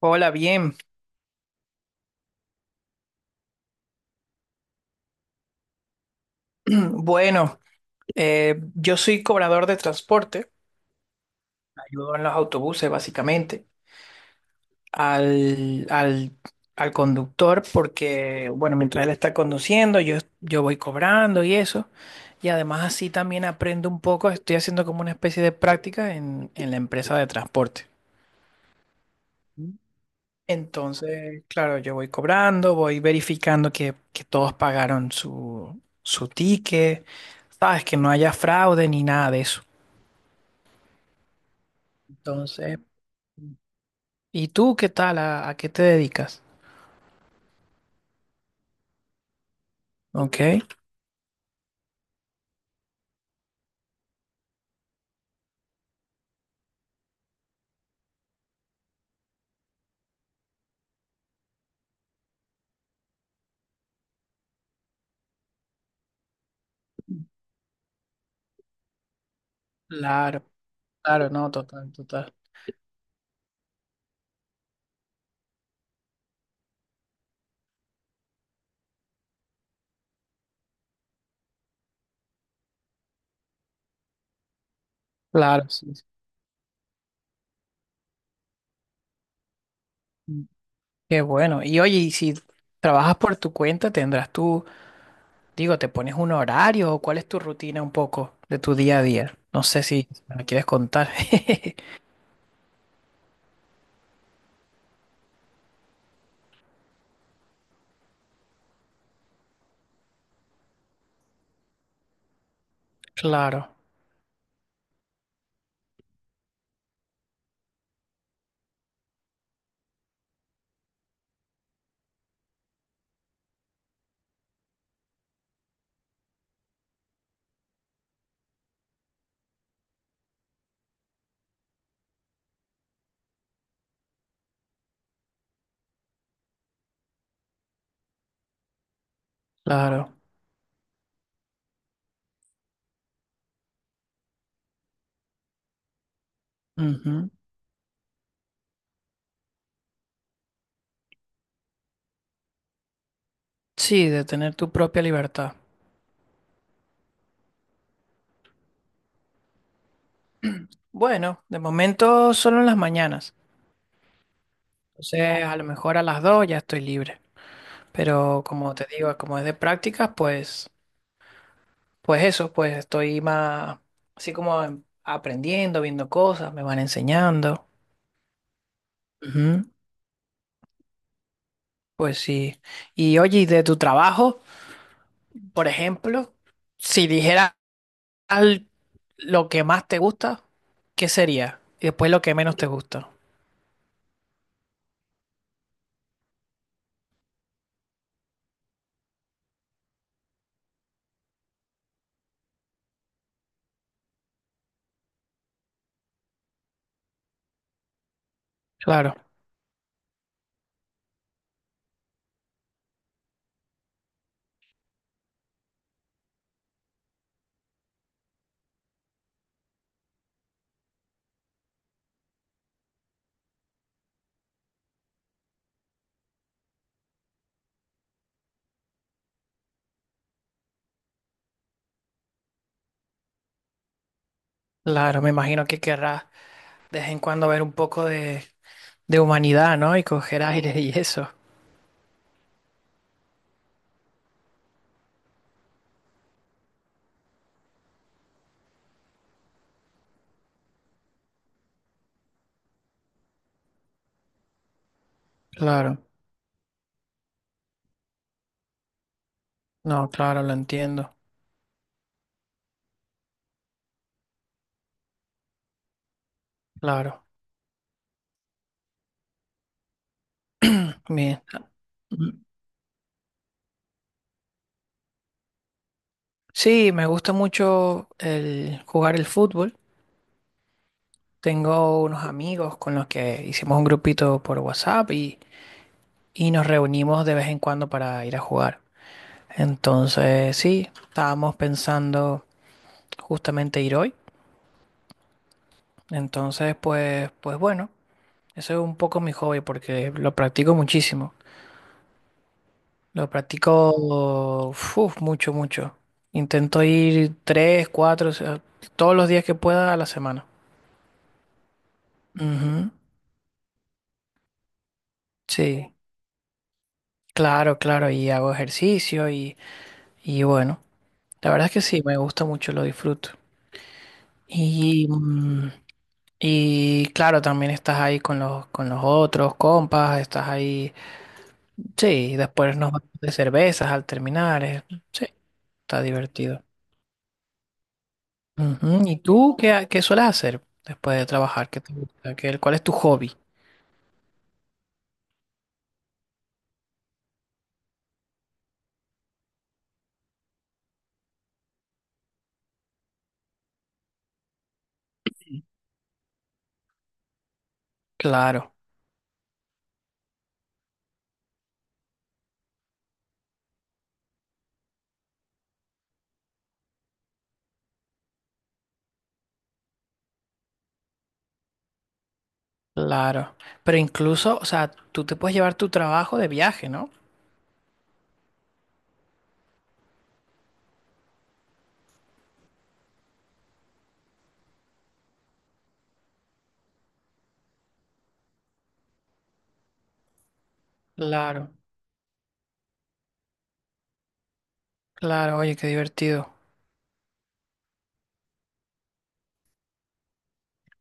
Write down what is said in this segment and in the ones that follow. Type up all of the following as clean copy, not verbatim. Hola, bien. Bueno, yo soy cobrador de transporte, ayudo en los autobuses básicamente al, al, al conductor porque, bueno, mientras él está conduciendo, yo voy cobrando y eso. Y además así también aprendo un poco, estoy haciendo como una especie de práctica en la empresa de transporte. Entonces, claro, yo voy cobrando, voy verificando que todos pagaron su ticket, sabes, que no haya fraude ni nada de eso. Entonces, ¿y tú qué tal? ¿A qué te dedicas? Ok. Claro, claro, no, total, total. Claro, sí. Sí. Mm. Qué bueno. Y oye, y si trabajas por tu cuenta, tendrás tú, digo, te pones un horario o cuál es tu rutina un poco de tu día a día. No sé si me la quieres contar. Claro, claro. Ujú. Sí, de tener tu propia libertad. Bueno, de momento solo en las mañanas. Entonces, a lo mejor a las dos ya estoy libre. Pero como te digo, como es de prácticas, pues eso, pues estoy más así como aprendiendo, viendo cosas, me van enseñando. Ujú. Pues sí. Y oye, y de tu trabajo, por ejemplo, si dijeras al- lo que más te gusta, ¿qué sería? Y después lo que menos te gusta. Claro, claro, me imagino que querrás de vez en cuando ver un poco de humanidad, ¿no? Y coger aire y eso. Claro, no, claro, lo entiendo. Claro. Bien. Ujú. Sí, me gusta mucho el jugar el fútbol. Tengo unos amigos con los que hicimos un grupito por WhatsApp y nos reunimos de vez en cuando para ir a jugar. Entonces, sí, estábamos pensando justamente ir hoy. Entonces, pues bueno, eso es un poco mi hobby porque lo practico muchísimo. Lo practico uf, mucho, mucho. Intento ir 3, 4, o sea, todos los días que pueda a la semana. Ujú. Sí, claro, claro, y hago ejercicio y bueno, la verdad es que sí, me gusta mucho, lo disfruto. Y, mm, y claro, también estás ahí con con los otros compas, estás ahí, sí, y después nos vamos de cervezas al terminar, sí, está divertido. Ujú. ¿Y tú qué, qué sueles hacer después de trabajar? ¿Qué te gusta? ¿ Cuál es tu hobby? Claro, claro, pero incluso, o sea, tú te puedes llevar tu trabajo de viaje, ¿no? Claro. Claro, oye, qué divertido.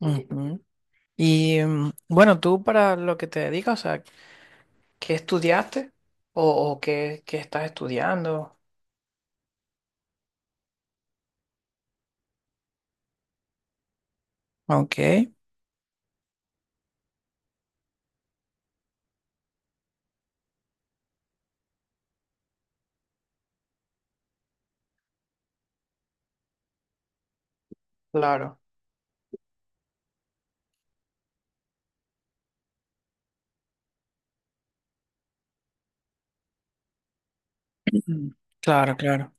Ujú. Y bueno, tú para lo que te dedicas, o sea, ¿qué estudiaste? O qué estás estudiando? Ok, claro. Ujú. Claro, claro.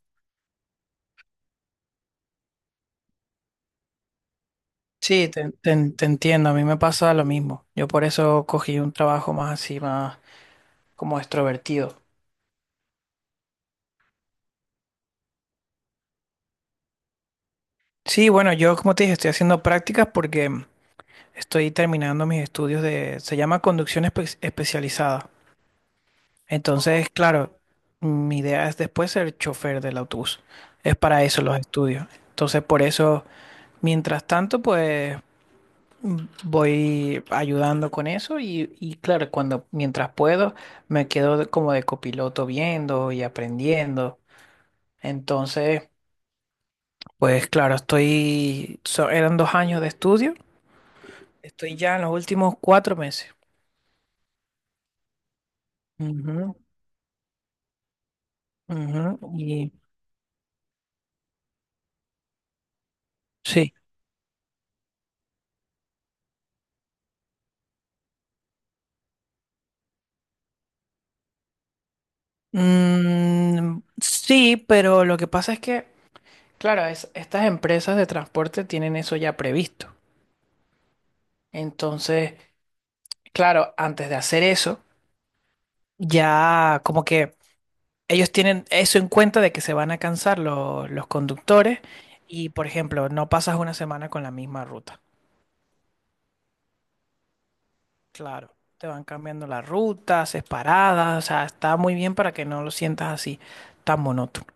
Sí, te entiendo, a mí me pasa lo mismo. Yo por eso cogí un trabajo más así, más como extrovertido. Sí, bueno, yo como te dije, estoy haciendo prácticas porque estoy terminando mis estudios de, se llama conducción especializada. Entonces, claro, mi idea es después ser chofer del autobús. Es para eso los estudios. Entonces, por eso, mientras tanto, pues mm, voy ayudando con eso y claro, cuando mientras puedo, me quedo como de copiloto viendo y aprendiendo. Entonces, pues claro, estoy, eran 2 años de estudio, estoy ya en los últimos 4 meses. Ujú, ujú, y sí. Mm, sí, pero lo que pasa es que, claro, estas empresas de transporte tienen eso ya previsto. Entonces, claro, antes de hacer eso, ya como que ellos tienen eso en cuenta de que se van a cansar los conductores y, por ejemplo, no pasas una semana con la misma ruta. Claro, te van cambiando la ruta, haces paradas, o sea, está muy bien para que no lo sientas así, tan monótono.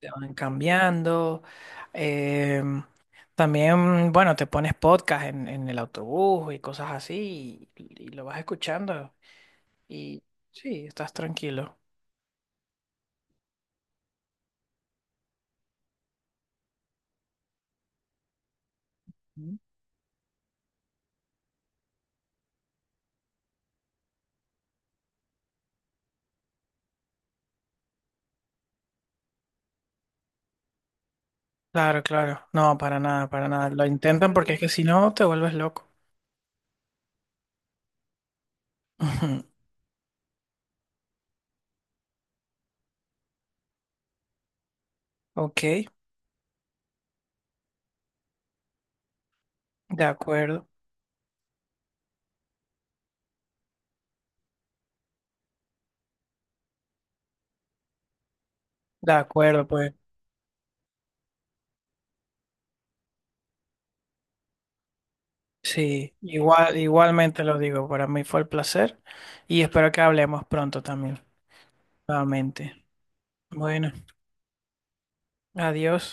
Te van cambiando. em, también, bueno, te pones podcast en el autobús y cosas así y lo vas escuchando y sí, estás tranquilo. Mm. Claro, claro. No, para nada, para nada. Lo intentan porque es que si no te vuelves loco. Ujú. Ok, de acuerdo, de acuerdo, pues sí, igual, igualmente lo digo, para mí fue el placer y espero que hablemos pronto también, nuevamente. Bueno, adiós.